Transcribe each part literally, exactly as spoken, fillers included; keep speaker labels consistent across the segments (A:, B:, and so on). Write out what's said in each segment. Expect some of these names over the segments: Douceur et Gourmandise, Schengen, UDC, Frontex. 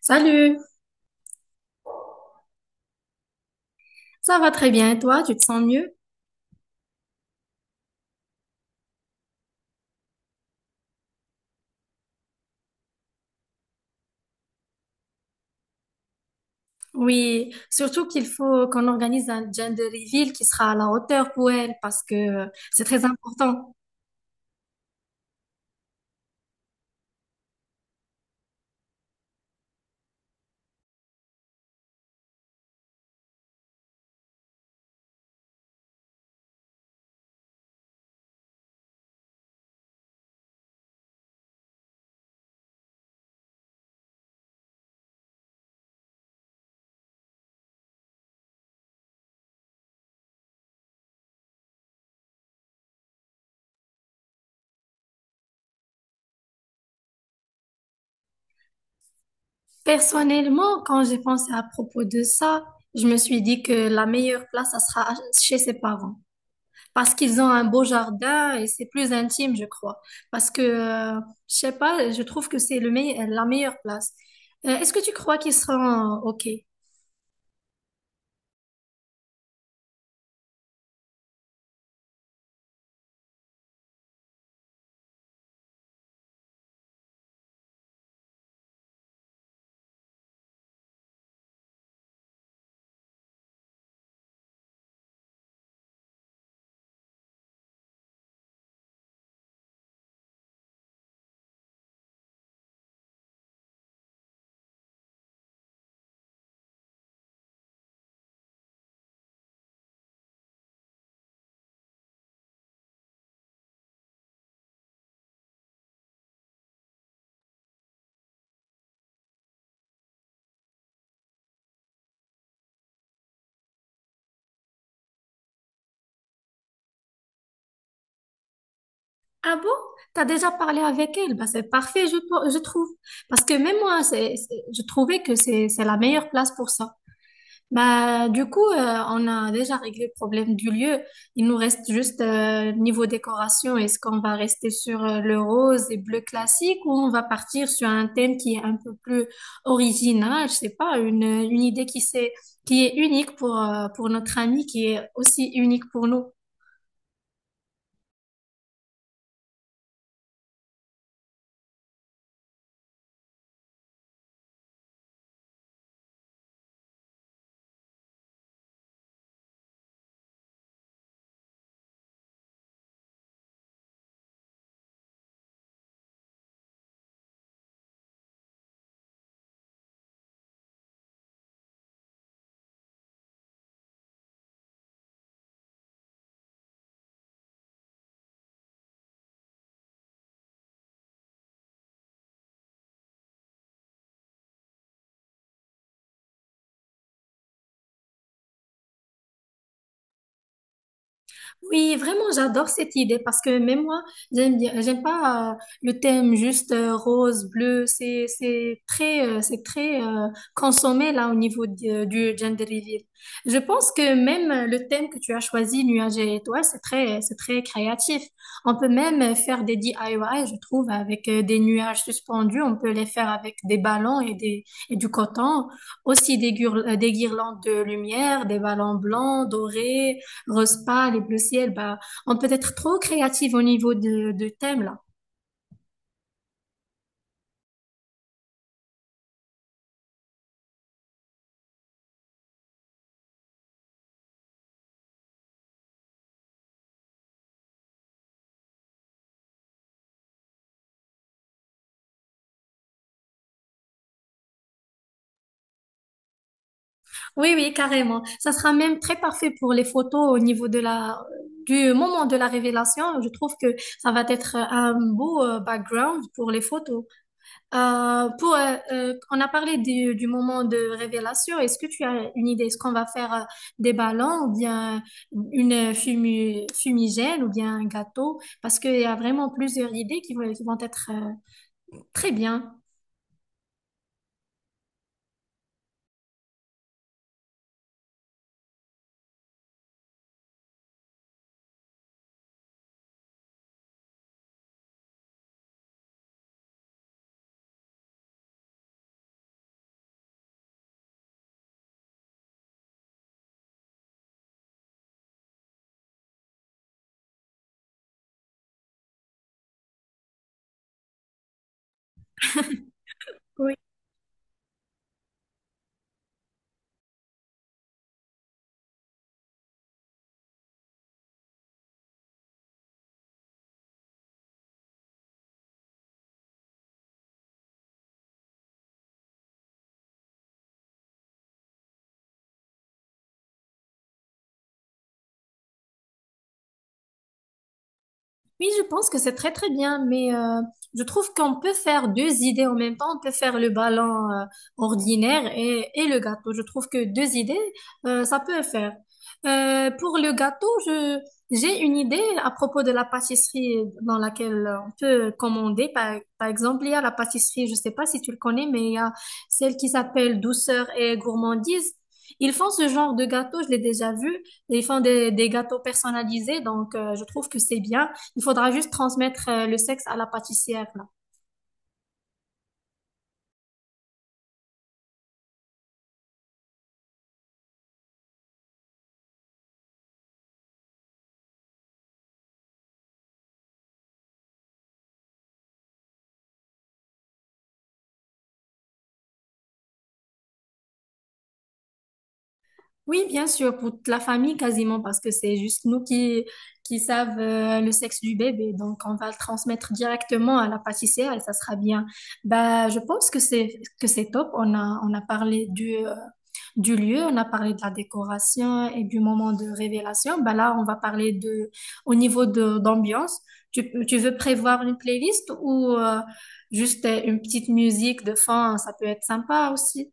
A: Salut, ça va très bien et toi, tu te sens mieux? Oui, surtout qu'il faut qu'on organise un gender reveal qui sera à la hauteur pour elle parce que c'est très important. Personnellement, quand j'ai pensé à propos de ça, je me suis dit que la meilleure place, ça sera chez ses parents parce qu'ils ont un beau jardin et c'est plus intime, je crois. Parce que, euh, je sais pas, je trouve que c'est le meille- la meilleure place. Euh, est-ce que tu crois qu'ils seront euh, OK? Ah bon? T'as déjà parlé avec elle? Bah, c'est parfait, je, je trouve. Parce que même moi, c'est, c'est- je trouvais que c'est, c'est la meilleure place pour ça. Bah, du coup, euh, on a déjà réglé le problème du lieu. Il nous reste juste euh, niveau décoration. Est-ce qu'on va rester sur euh, le rose et bleu classique ou on va partir sur un thème qui est un peu plus original? Je sais pas, une, une idée qui, s'est- qui est unique pour, euh, pour notre ami, qui est aussi unique pour nous. Oui, vraiment, j'adore cette idée parce que même moi, j'aime bien, j'aime pas euh, le thème juste euh, rose, bleu. C'est, c'est très, euh, c'est très euh, consommé là au niveau de- euh, du gender reveal. Je pense que même euh, le thème que tu as choisi, nuages et étoiles, c'est très, c'est très créatif. On peut même faire des D I Y, je trouve, avec euh, des nuages suspendus. On peut les faire avec des ballons et des, et du coton. Aussi des, guirl- euh, des guirlandes de lumière, des ballons blancs, dorés rose pâle et bleu ciel, bah, on peut être trop créative au niveau de, de thème, là. Oui, oui, carrément. Ça sera même très parfait pour les photos au niveau de la, du moment de la révélation. Je trouve que ça va être un beau euh, background pour les photos. Euh, pour, euh, euh, on a parlé du, du moment de révélation. Est-ce que tu as une idée? Est-ce qu'on va faire euh, des ballons ou bien une fumi- fumigène ou bien un gâteau? Parce qu'il y a vraiment plusieurs idées qui vont, qui vont être euh, très bien. Oui, je pense que c'est très très bien, mais euh, je trouve qu'on peut faire deux idées en même temps. On peut faire le ballon euh, ordinaire et, et le gâteau. Je trouve que deux idées, euh, ça peut le faire. Euh, pour le gâteau, je, j'ai une idée à propos de la pâtisserie dans laquelle on peut commander. Par, par exemple, il y a la pâtisserie, je sais pas si tu le connais, mais il y a celle qui s'appelle Douceur et Gourmandise. Ils font ce genre de gâteau, je l'ai déjà vu. Ils font des, des gâteaux personnalisés, donc euh, je trouve que c'est bien. Il faudra juste transmettre euh, le sexe à la pâtissière, là. Oui, bien sûr, pour toute la famille quasiment, parce que c'est juste nous qui, qui savent euh, le sexe du bébé. Donc, on va le transmettre directement à la pâtissière et ça sera bien. Bah, je pense que c'est, que c'est top. On a, on a parlé du, euh, du lieu, on a parlé de la décoration et du moment de révélation. Bah, là, on va parler de, au niveau de, d'ambiance. Tu, tu veux prévoir une playlist ou euh, juste euh, une petite musique de fond, ça peut être sympa aussi.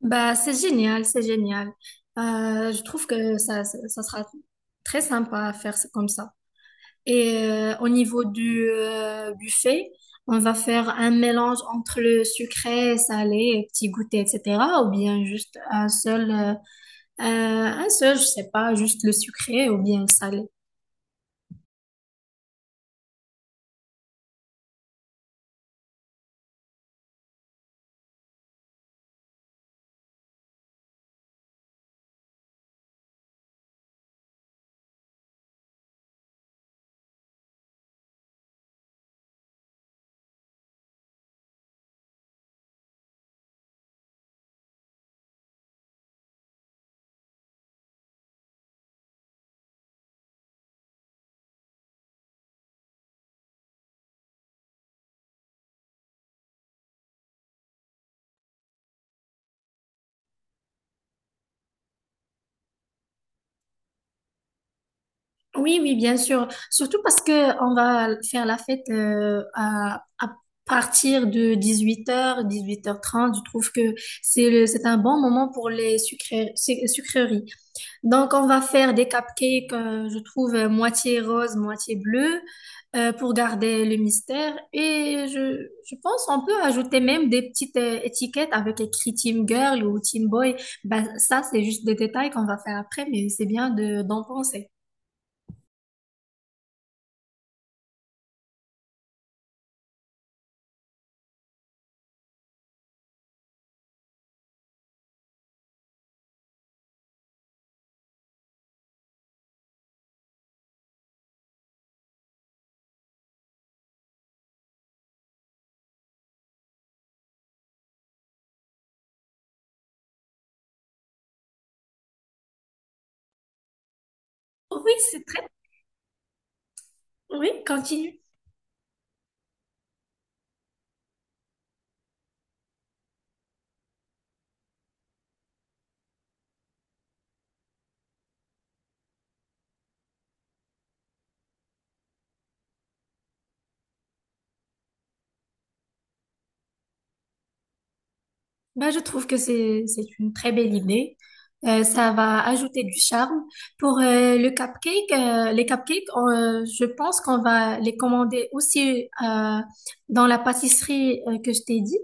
A: Bah, c'est génial, c'est génial. Euh, je trouve que ça, ça ça sera très sympa à faire comme ça. Et euh, au niveau du euh, buffet, on va faire un mélange entre le sucré, salé, petit goûter, et cétéra. Ou bien juste un seul, euh, euh, un seul, je sais pas, juste le sucré ou bien le salé. Oui, oui, bien sûr. Surtout parce que on va faire la fête euh, à, à partir de dix-huit heures, dix-huit heures trente. Je trouve que c'est le, c'est un bon moment pour les sucré- suc- sucreries. Donc, on va faire des cupcakes, euh, je trouve, euh, moitié rose, moitié bleu, euh, pour garder le mystère. Et je, je pense on peut ajouter même des petites euh, étiquettes avec écrit Team Girl ou Team Boy. Ben, ça, c'est juste des détails qu'on va faire après, mais c'est bien de, d'en penser. Oui, c'est très. Oui, continue. Bah, je trouve que c'est c'est une très belle idée. Euh, ça va ajouter du charme. Pour euh, le cupcake, euh, les cupcakes, on, euh, je pense qu'on va les commander aussi euh, dans la pâtisserie euh, que je t'ai dit.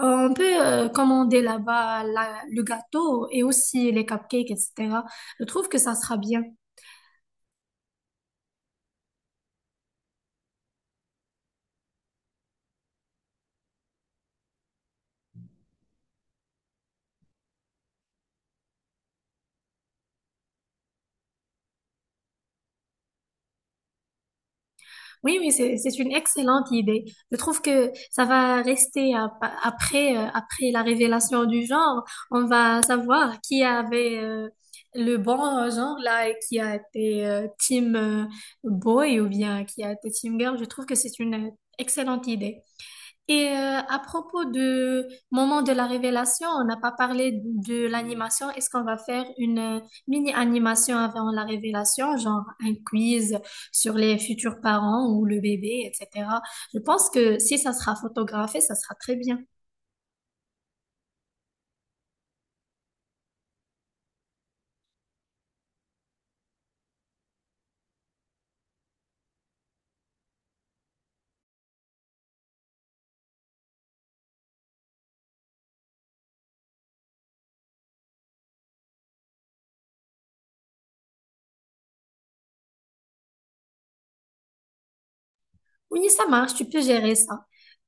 A: Euh, On peut euh, commander là-bas la- le gâteau et aussi les cupcakes, et cétéra. Je trouve que ça sera bien. Oui, oui, c'est, c'est une excellente idée. Je trouve que ça va rester à- après, euh, après la révélation du genre. On va savoir qui avait euh, le bon genre là et qui a été euh, team euh, boy ou bien qui a été team girl. Je trouve que c'est une euh, excellente idée. Et euh, à propos de moment de la révélation, on n'a pas parlé de l'animation. Est-ce qu'on va faire une euh, mini-animation avant la révélation, genre un quiz sur les futurs parents ou le bébé, et cétéra. Je pense que si ça sera photographié, ça sera très bien. Oui, ça marche, tu peux gérer ça.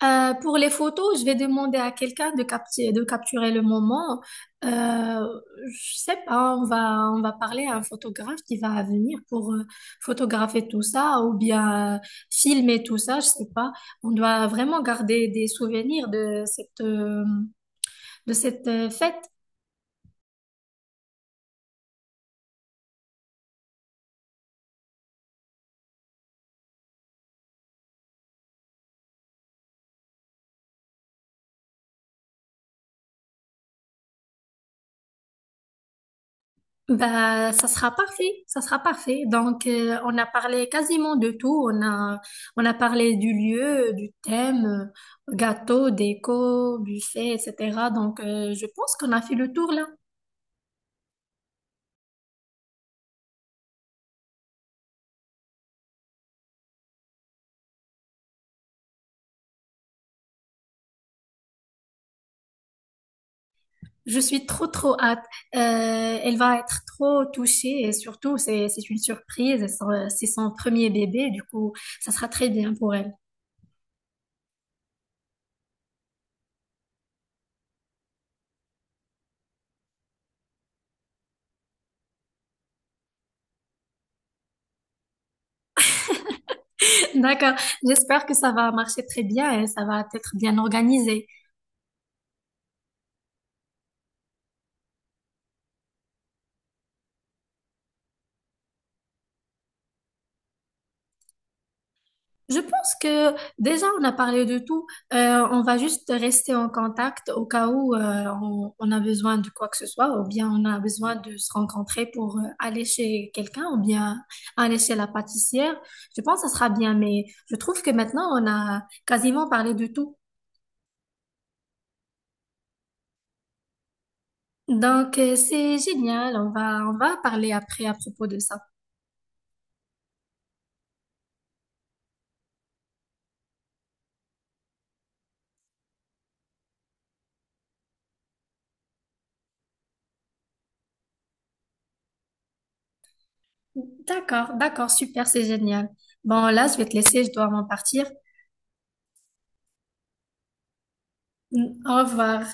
A: Euh, pour les photos, je vais demander à quelqu'un de capturer, de capturer le moment. Euh, je sais pas, on va, on va parler à un photographe qui va venir pour euh, photographier tout ça ou bien euh, filmer tout ça, je sais pas. On doit vraiment garder des souvenirs de cette, euh, de cette euh, fête. Bah, ça sera parfait, ça sera parfait. Donc, euh, on a parlé quasiment de tout. On a, on a parlé du lieu, du thème, euh, gâteau, déco, buffet, et cétéra. Donc, euh, je pense qu'on a fait le tour là. Je suis trop, trop hâte. Euh, elle va être trop touchée et surtout, c'est, c'est une surprise. C'est son c'est son premier bébé, du coup, ça sera très bien pour elle. D'accord. J'espère que ça va marcher très bien et ça va être bien organisé. Je pense que déjà on a parlé de tout. Euh, on va juste rester en contact au cas où euh, on, on a besoin de quoi que ce soit, ou bien on a besoin de se rencontrer pour euh, aller chez quelqu'un, ou bien aller chez la pâtissière. Je pense que ça sera bien, mais je trouve que maintenant on a quasiment parlé de tout. Donc euh, c'est génial. On va on va parler après à propos de ça. D'accord, d'accord, super, c'est génial. Bon là je vais te laisser, je dois m'en partir. Au revoir.